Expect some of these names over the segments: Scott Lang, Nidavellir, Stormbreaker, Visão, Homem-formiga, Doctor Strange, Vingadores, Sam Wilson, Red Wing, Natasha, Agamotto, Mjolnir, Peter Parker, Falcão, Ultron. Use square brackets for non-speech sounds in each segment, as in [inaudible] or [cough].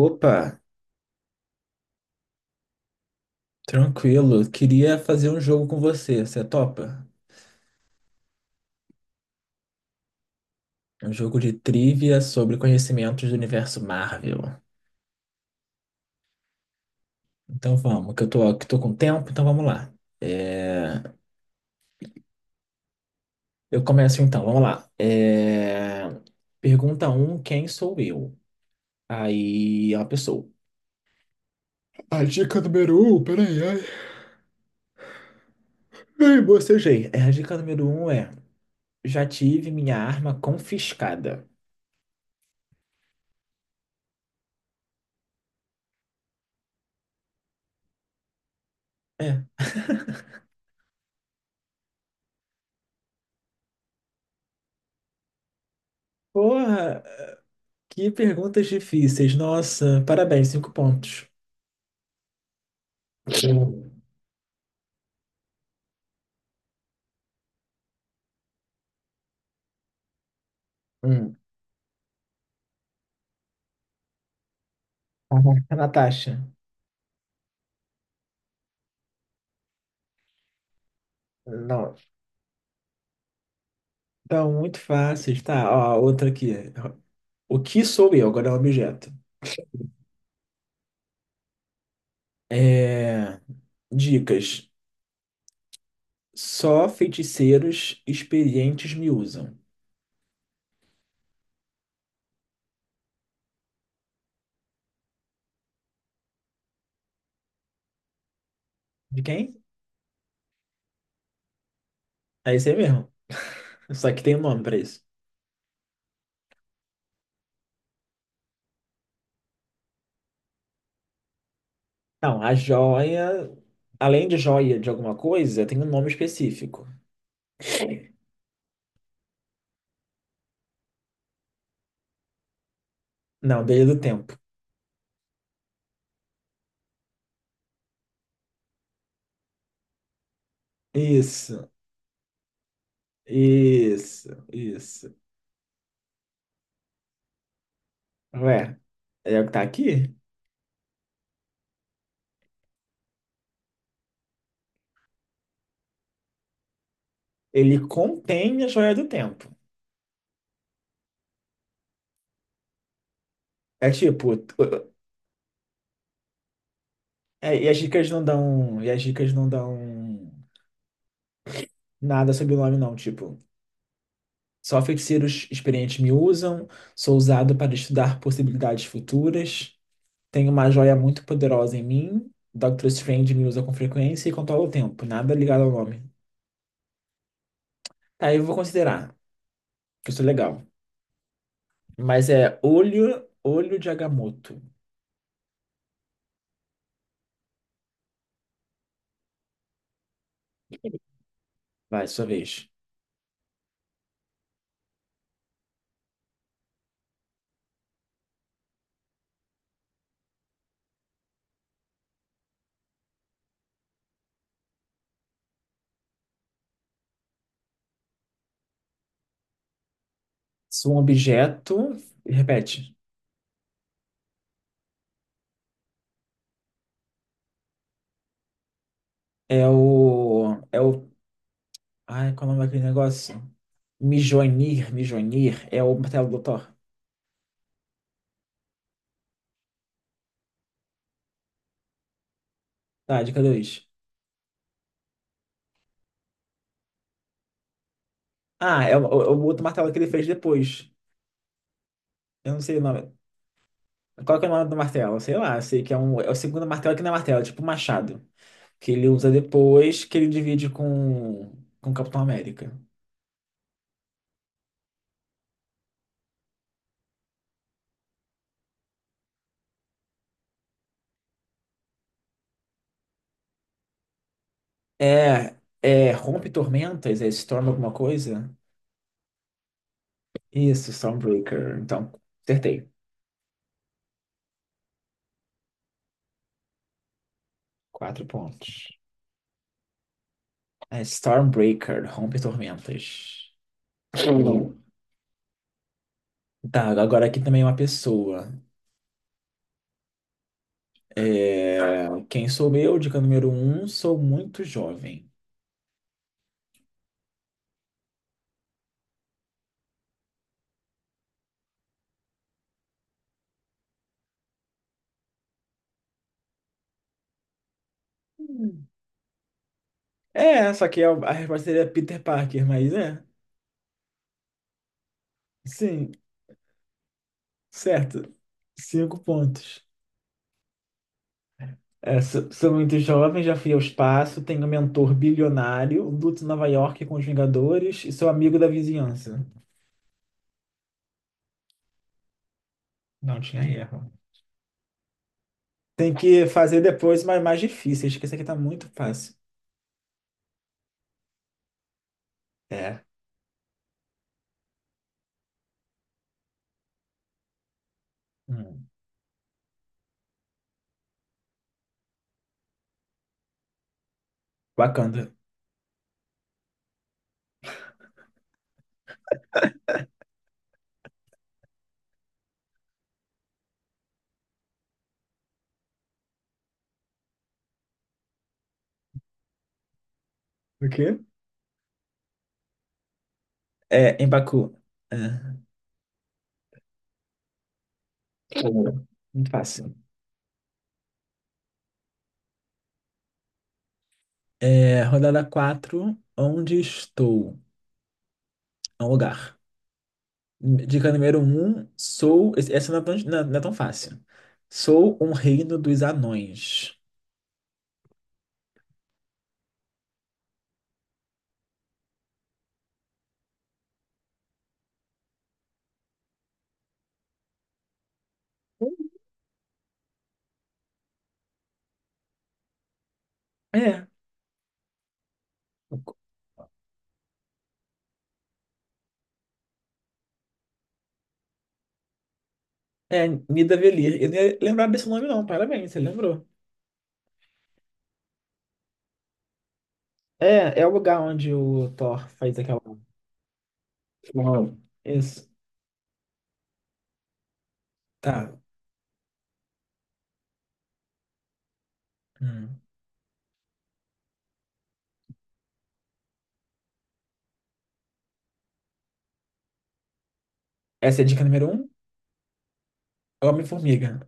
Opa, tranquilo. Queria fazer um jogo com você. Você é topa? Um jogo de trivia sobre conhecimentos do universo Marvel. Então vamos, que tô com tempo, então vamos lá. É. Eu começo então, vamos lá. Pergunta um: quem sou eu? Aí é uma pessoa. A dica número 1, peraí, ai. Ai, bocejei. A dica número 1 é: já tive minha arma confiscada. É. Porra! Que perguntas difíceis. Nossa, parabéns, cinco pontos. Hum. [laughs] Natasha. Não, então, muito fáceis. Tá, ó, outra aqui. O que sou eu? Agora é um objeto. É... Dicas. Só feiticeiros experientes me usam. De quem? É isso aí mesmo. Só que tem um nome pra isso. Não, a joia. Além de joia de alguma coisa, tem um nome específico. Não, desde do tempo. Isso, isso, isso. Ué, é o que tá aqui. Ele contém a joia do tempo. É tipo, e as dicas não dão nada sobre o nome, não. Tipo, só feiticeiros experientes me usam, sou usado para estudar possibilidades futuras, tenho uma joia muito poderosa em mim, Doctor Strange me usa com frequência e controla o tempo. Nada ligado ao nome. Aí eu vou considerar, que isso é legal. Mas é olho de Agamotto. Vai, sua vez. Sou um objeto. Repete. É o. É o. Ai, qual é o nome daquele negócio? Mjolnir. É o martelo do Thor. Tá, dica dois. Ah, é o outro martelo que ele fez depois. Eu não sei o nome. Qual que é o nome do martelo? Sei lá, eu sei que é um. É o segundo martelo que não é martelo, é tipo um machado. Que ele usa depois, que ele divide com. Com o Capitão América. É. É. Rompe Tormentas? É Storm alguma coisa? Isso, Stormbreaker. Então, acertei. Quatro pontos. É Stormbreaker, Rompe Tormentas. Hum. Tá, agora aqui também é uma pessoa. Quem sou eu? Dica número um, sou muito jovem. Hum. Só que a resposta seria Peter Parker, mas é. Sim, certo. Cinco pontos. Sou muito jovem, já fui ao espaço, tenho um mentor bilionário, luto em Nova York com os Vingadores e sou amigo da vizinhança. Não tinha erro. Tem que fazer depois mais difíceis, que esse aqui tá muito fácil. É. Hum. Wakanda. O quê? Em Baku. É, Uhum. Muito fácil. Rodada quatro. Onde estou? É um lugar. Dica número um. Essa não é tão fácil. Sou um reino dos anões. É, é Nidavellir. Eu não ia lembrar desse nome, não. Parabéns, você lembrou. É o lugar onde o Thor faz aquela. Uau. Isso. Tá. Hum. Essa é a dica número um. Homem-formiga.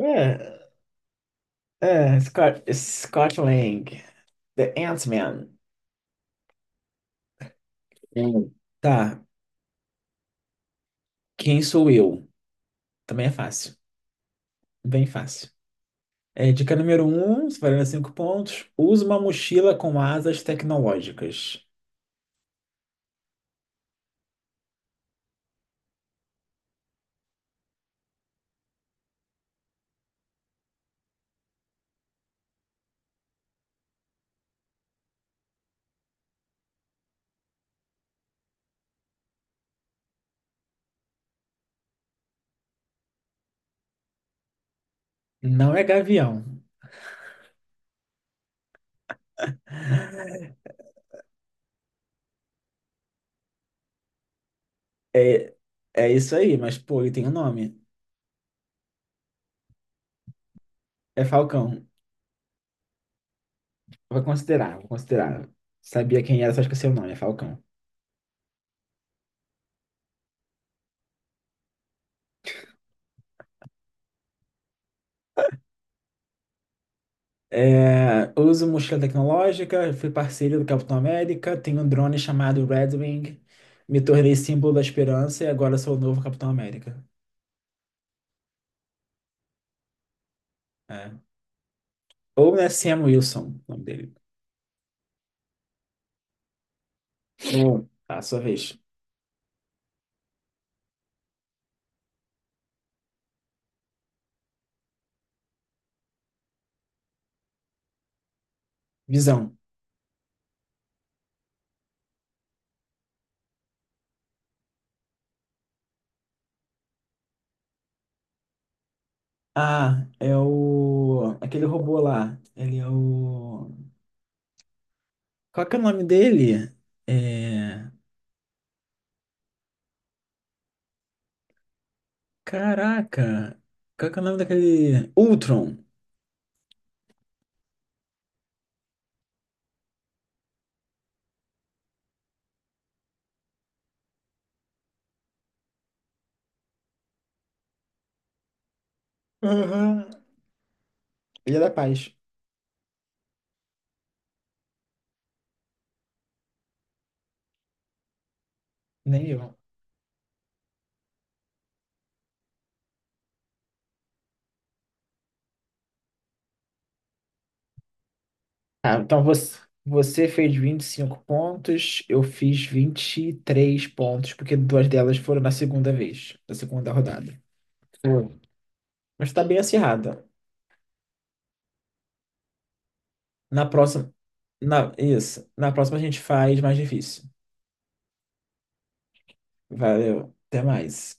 É. Scott Lang, The Ant-Man. Hum. Tá, quem sou eu? Também é fácil, bem fácil. Dica número um, valendo cinco pontos. Usa uma mochila com asas tecnológicas. Não é gavião. É, é isso aí, mas pô, ele tem um nome. É Falcão. Vou considerar, vou considerar. Sabia quem era, só esqueci o nome, é Falcão. Uso mochila tecnológica, fui parceiro do Capitão América, tenho um drone chamado Red Wing, me tornei símbolo da esperança e agora sou o novo Capitão América. É. Ou né, Sam Wilson, o nome dele. Ou, tá, sua vez. Visão. Ah, Aquele robô lá. Qual que é o nome dele? É... Caraca. Qual que é o nome daquele... Ultron. Aham. Ele é da paz. Nem eu. Ah, então você fez 25 pontos, eu fiz 23 pontos, porque duas delas foram na segunda vez, na segunda rodada. Hum. Mas tá bem acirrada. Na próxima, isso, na próxima a gente faz mais difícil. Valeu, até mais.